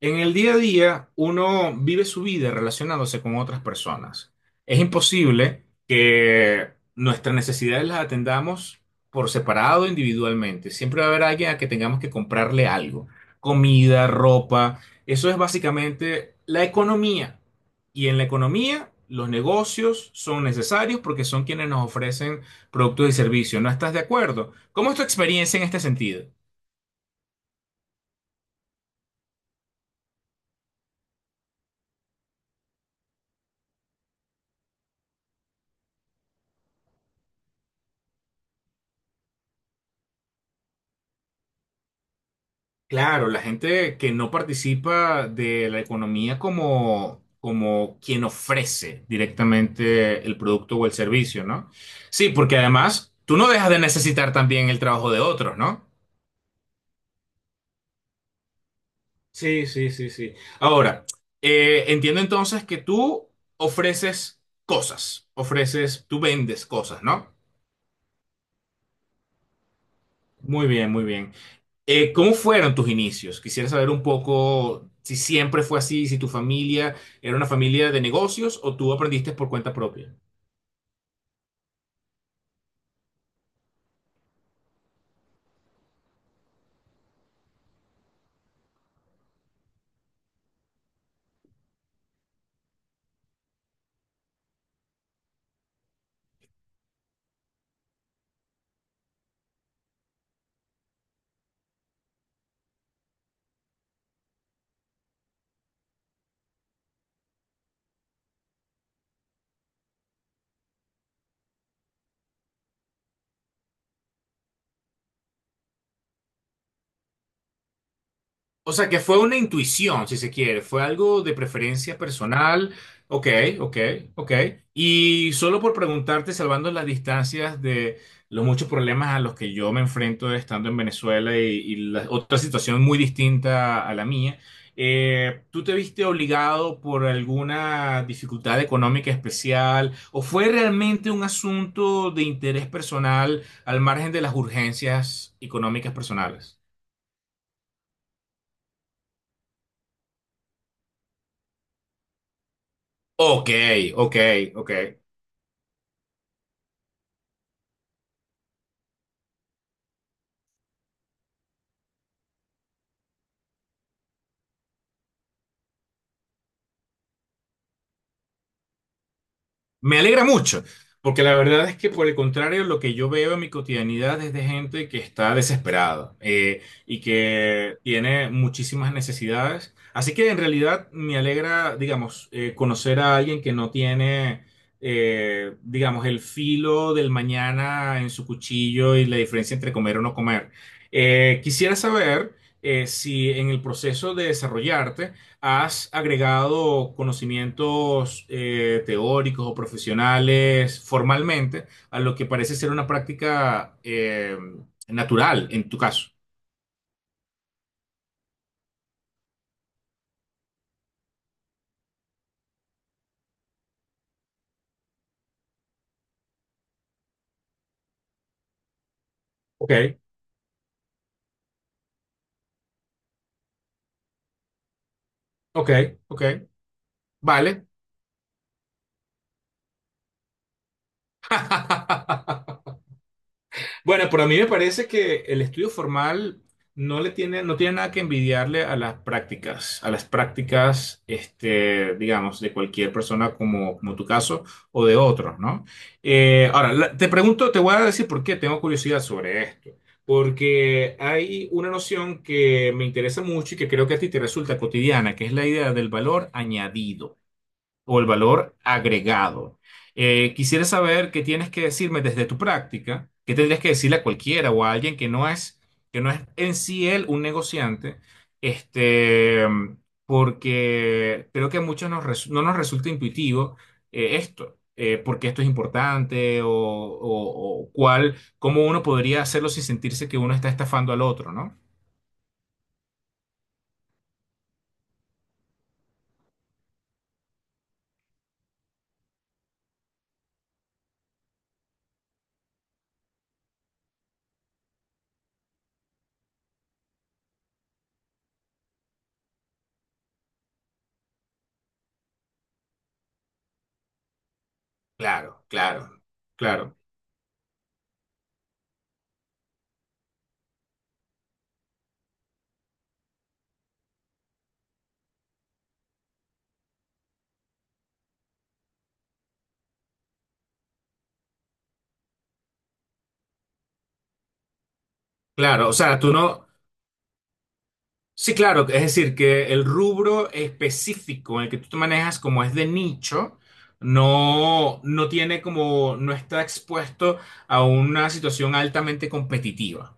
En el día a día, uno vive su vida relacionándose con otras personas. Es imposible que nuestras necesidades las atendamos por separado, individualmente. Siempre va a haber alguien a que tengamos que comprarle algo, comida, ropa. Eso es básicamente la economía. Y en la economía, los negocios son necesarios porque son quienes nos ofrecen productos y servicios. ¿No estás de acuerdo? ¿Cómo es tu experiencia en este sentido? Claro, la gente que no participa de la economía como quien ofrece directamente el producto o el servicio, ¿no? Sí, porque además tú no dejas de necesitar también el trabajo de otros, ¿no? Sí, sí, sí, sí. Ahora, entiendo entonces que tú ofreces cosas, ofreces, tú vendes cosas, ¿no? Muy bien, muy bien. ¿Cómo fueron tus inicios? Quisiera saber un poco si siempre fue así, si tu familia era una familia de negocios o tú aprendiste por cuenta propia. O sea, que fue una intuición, si se quiere, fue algo de preferencia personal. Ok, ok, ok. Y solo por preguntarte, salvando las distancias de los muchos problemas a los que yo me enfrento estando en Venezuela y la otra situación muy distinta a la mía, ¿tú te viste obligado por alguna dificultad económica especial o fue realmente un asunto de interés personal al margen de las urgencias económicas personales? Ok, ok, ok. Me alegra mucho, porque la verdad es que por el contrario, lo que yo veo en mi cotidianidad es de gente que está desesperada y que tiene muchísimas necesidades. Así que en realidad me alegra, digamos, conocer a alguien que no tiene, digamos, el filo del mañana en su cuchillo y la diferencia entre comer o no comer. Quisiera saber si en el proceso de desarrollarte, ¿has agregado conocimientos teóricos o profesionales formalmente a lo que parece ser una práctica natural en tu caso? Ok, ok, ok. Vale. Bueno, pero a mí me parece que el estudio formal no le tiene, no tiene nada que envidiarle a las prácticas, este, digamos, de cualquier persona como, como tu caso o de otros, ¿no? Ahora, la- te pregunto, te voy a decir por qué tengo curiosidad sobre esto. Porque hay una noción que me interesa mucho y que creo que a ti te resulta cotidiana, que es la idea del valor añadido o el valor agregado. Quisiera saber qué tienes que decirme desde tu práctica, qué tendrías que decirle a cualquiera o a alguien que no es en sí él un negociante, este, porque creo que a muchos nos resu- no nos resulta intuitivo esto, porque esto es importante o cuál, cómo uno podría hacerlo sin sentirse que uno está estafando al otro, ¿no? Claro, claro, claro, claro. O sea, tú no. Sí, claro, es decir, que el rubro específico en el que tú te manejas, como es de nicho, no tiene como, no está expuesto a una situación altamente competitiva.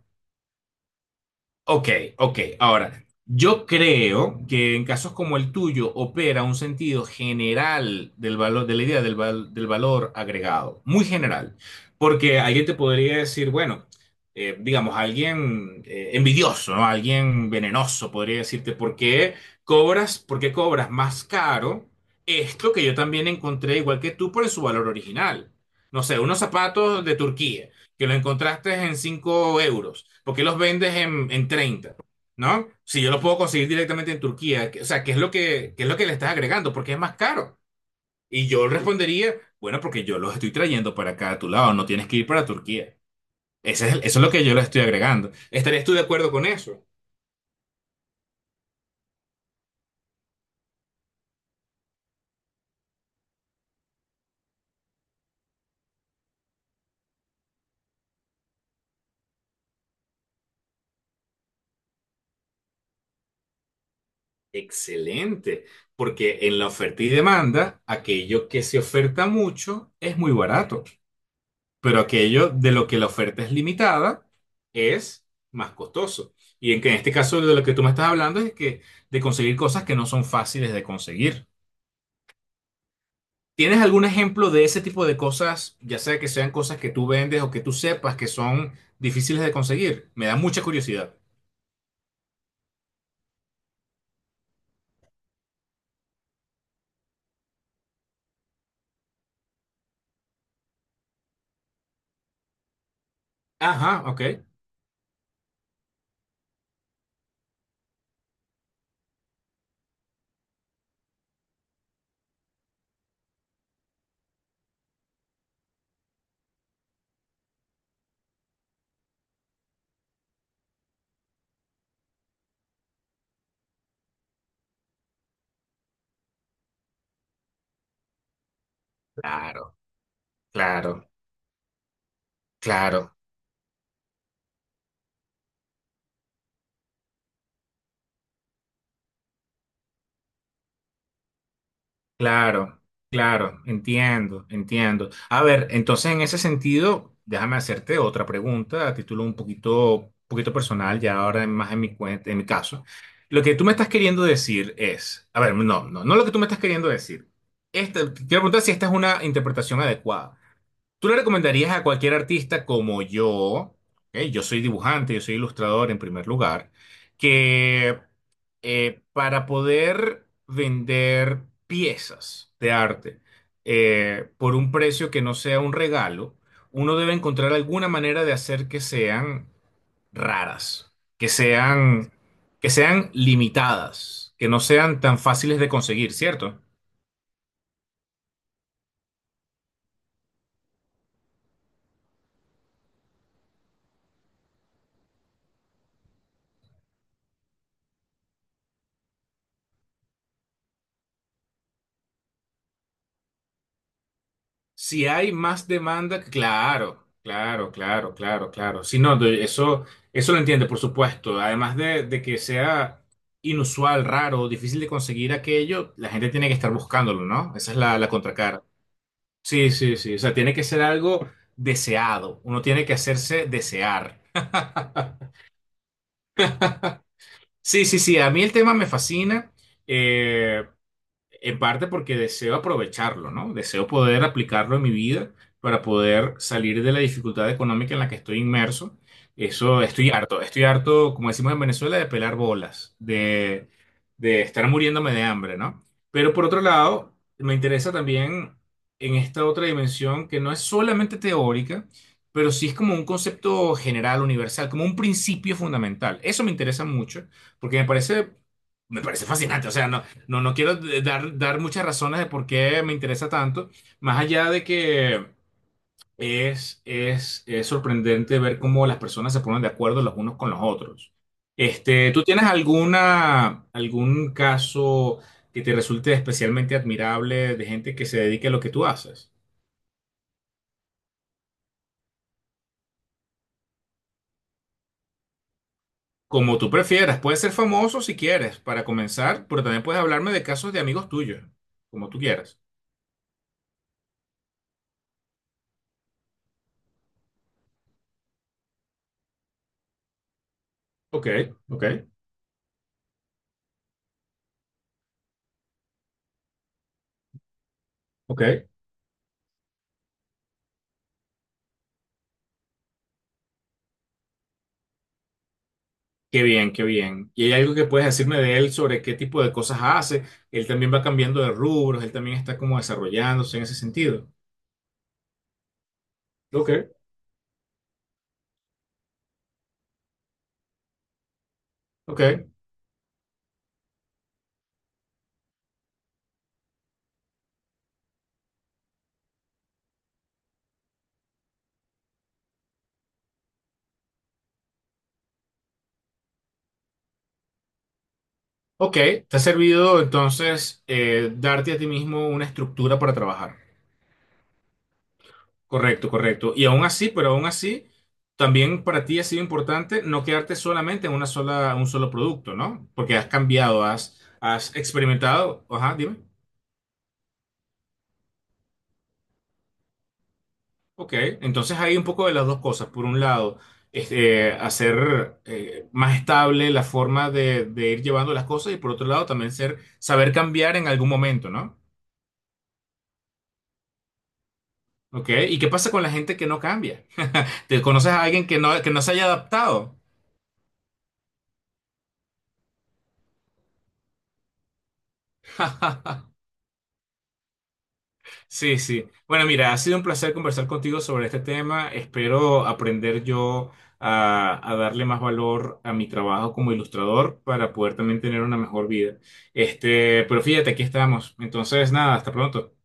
Ok, ok. Ahora, yo creo que en casos como el tuyo opera un sentido general del valor, de la idea del, val- del valor agregado, muy general, porque alguien te podría decir, bueno, digamos, alguien envidioso, ¿no? Alguien venenoso podría decirte, por qué cobras más caro esto que yo también encontré igual que tú por su valor original? No sé, unos zapatos de Turquía que los encontraste en 5 euros, ¿por qué los vendes en 30? ¿No? Si yo los puedo conseguir directamente en Turquía, que- o sea, ¿qué es lo que, qué es lo que le estás agregando? Porque es más caro. Y yo respondería, bueno, porque yo los estoy trayendo para acá a tu lado, no tienes que ir para Turquía. Ese es el- eso es lo que yo les estoy agregando. ¿Estarías tú de acuerdo con eso? Excelente, porque en la oferta y demanda, aquello que se oferta mucho es muy barato. Pero aquello de lo que la oferta es limitada es más costoso. Y en que en este caso de lo que tú me estás hablando es que de conseguir cosas que no son fáciles de conseguir. ¿Tienes algún ejemplo de ese tipo de cosas, ya sea que sean cosas que tú vendes o que tú sepas que son difíciles de conseguir? Me da mucha curiosidad. Ajá, ok. Claro, claro, claro. Claro, claro, entiendo, entiendo. A ver, entonces en ese sentido, déjame hacerte otra pregunta a título un poquito personal, ya ahora más en mi cuenta, en mi caso. Lo que tú me estás queriendo decir es, a ver, no, no, no lo que tú me estás queriendo decir. Esta, quiero preguntar si esta es una interpretación adecuada. ¿Tú le recomendarías a cualquier artista como yo, ok, yo soy dibujante, yo soy ilustrador en primer lugar, que para poder vender piezas de arte por un precio que no sea un regalo, uno debe encontrar alguna manera de hacer que sean raras, que sean, que sean limitadas, que no sean tan fáciles de conseguir, ¿cierto? Si hay más demanda, claro, claro, claro, claro, claro. Si no, de- eso lo entiende, por supuesto. Además de que sea inusual, raro, difícil de conseguir aquello, la gente tiene que estar buscándolo, ¿no? Esa es la, la contracara. Sí, sí, sí. O sea, tiene que ser algo deseado. Uno tiene que hacerse desear. Sí, sí, sí. A mí el tema me fascina. Eh, En parte porque deseo aprovecharlo, ¿no? Deseo poder aplicarlo en mi vida para poder salir de la dificultad económica en la que estoy inmerso. Eso, estoy harto, como decimos en Venezuela, de pelar bolas, de estar muriéndome de hambre, ¿no? Pero por otro lado, me interesa también en esta otra dimensión que no es solamente teórica, pero sí es como un concepto general, universal, como un principio fundamental. Eso me interesa mucho porque me parece... Me parece fascinante, o sea, no, no, no quiero d- dar muchas razones de por qué me interesa tanto, más allá de que es sorprendente ver cómo las personas se ponen de acuerdo los unos con los otros. Este, ¿tú tienes alguna, algún caso que te resulte especialmente admirable de gente que se dedique a lo que tú haces? Como tú prefieras, puedes ser famoso si quieres, para comenzar, pero también puedes hablarme de casos de amigos tuyos, como tú quieras. Ok, ok, ok. Qué bien, qué bien. ¿Y hay algo que puedes decirme de él sobre qué tipo de cosas hace? Él también va cambiando de rubros, él también está como desarrollándose en ese sentido. Ok, ok, ok. Te ha servido entonces darte a ti mismo una estructura para trabajar. Correcto, correcto. Y aún así, pero aún así, también para ti ha sido importante no quedarte solamente en una sola, un solo producto, ¿no? Porque has cambiado, has, has experimentado. Ajá, dime. Ok, entonces hay un poco de las dos cosas. Por un lado, este, hacer más estable la forma de ir llevando las cosas y por otro lado también ser, saber cambiar en algún momento, ¿no? Ok, ¿y qué pasa con la gente que no cambia? ¿Te conoces a alguien que no se haya adaptado? Sí, sí. Bueno, mira, ha sido un placer conversar contigo sobre este tema. Espero aprender yo a darle más valor a mi trabajo como ilustrador para poder también tener una mejor vida. Este, pero fíjate, aquí estamos. Entonces, nada, hasta pronto.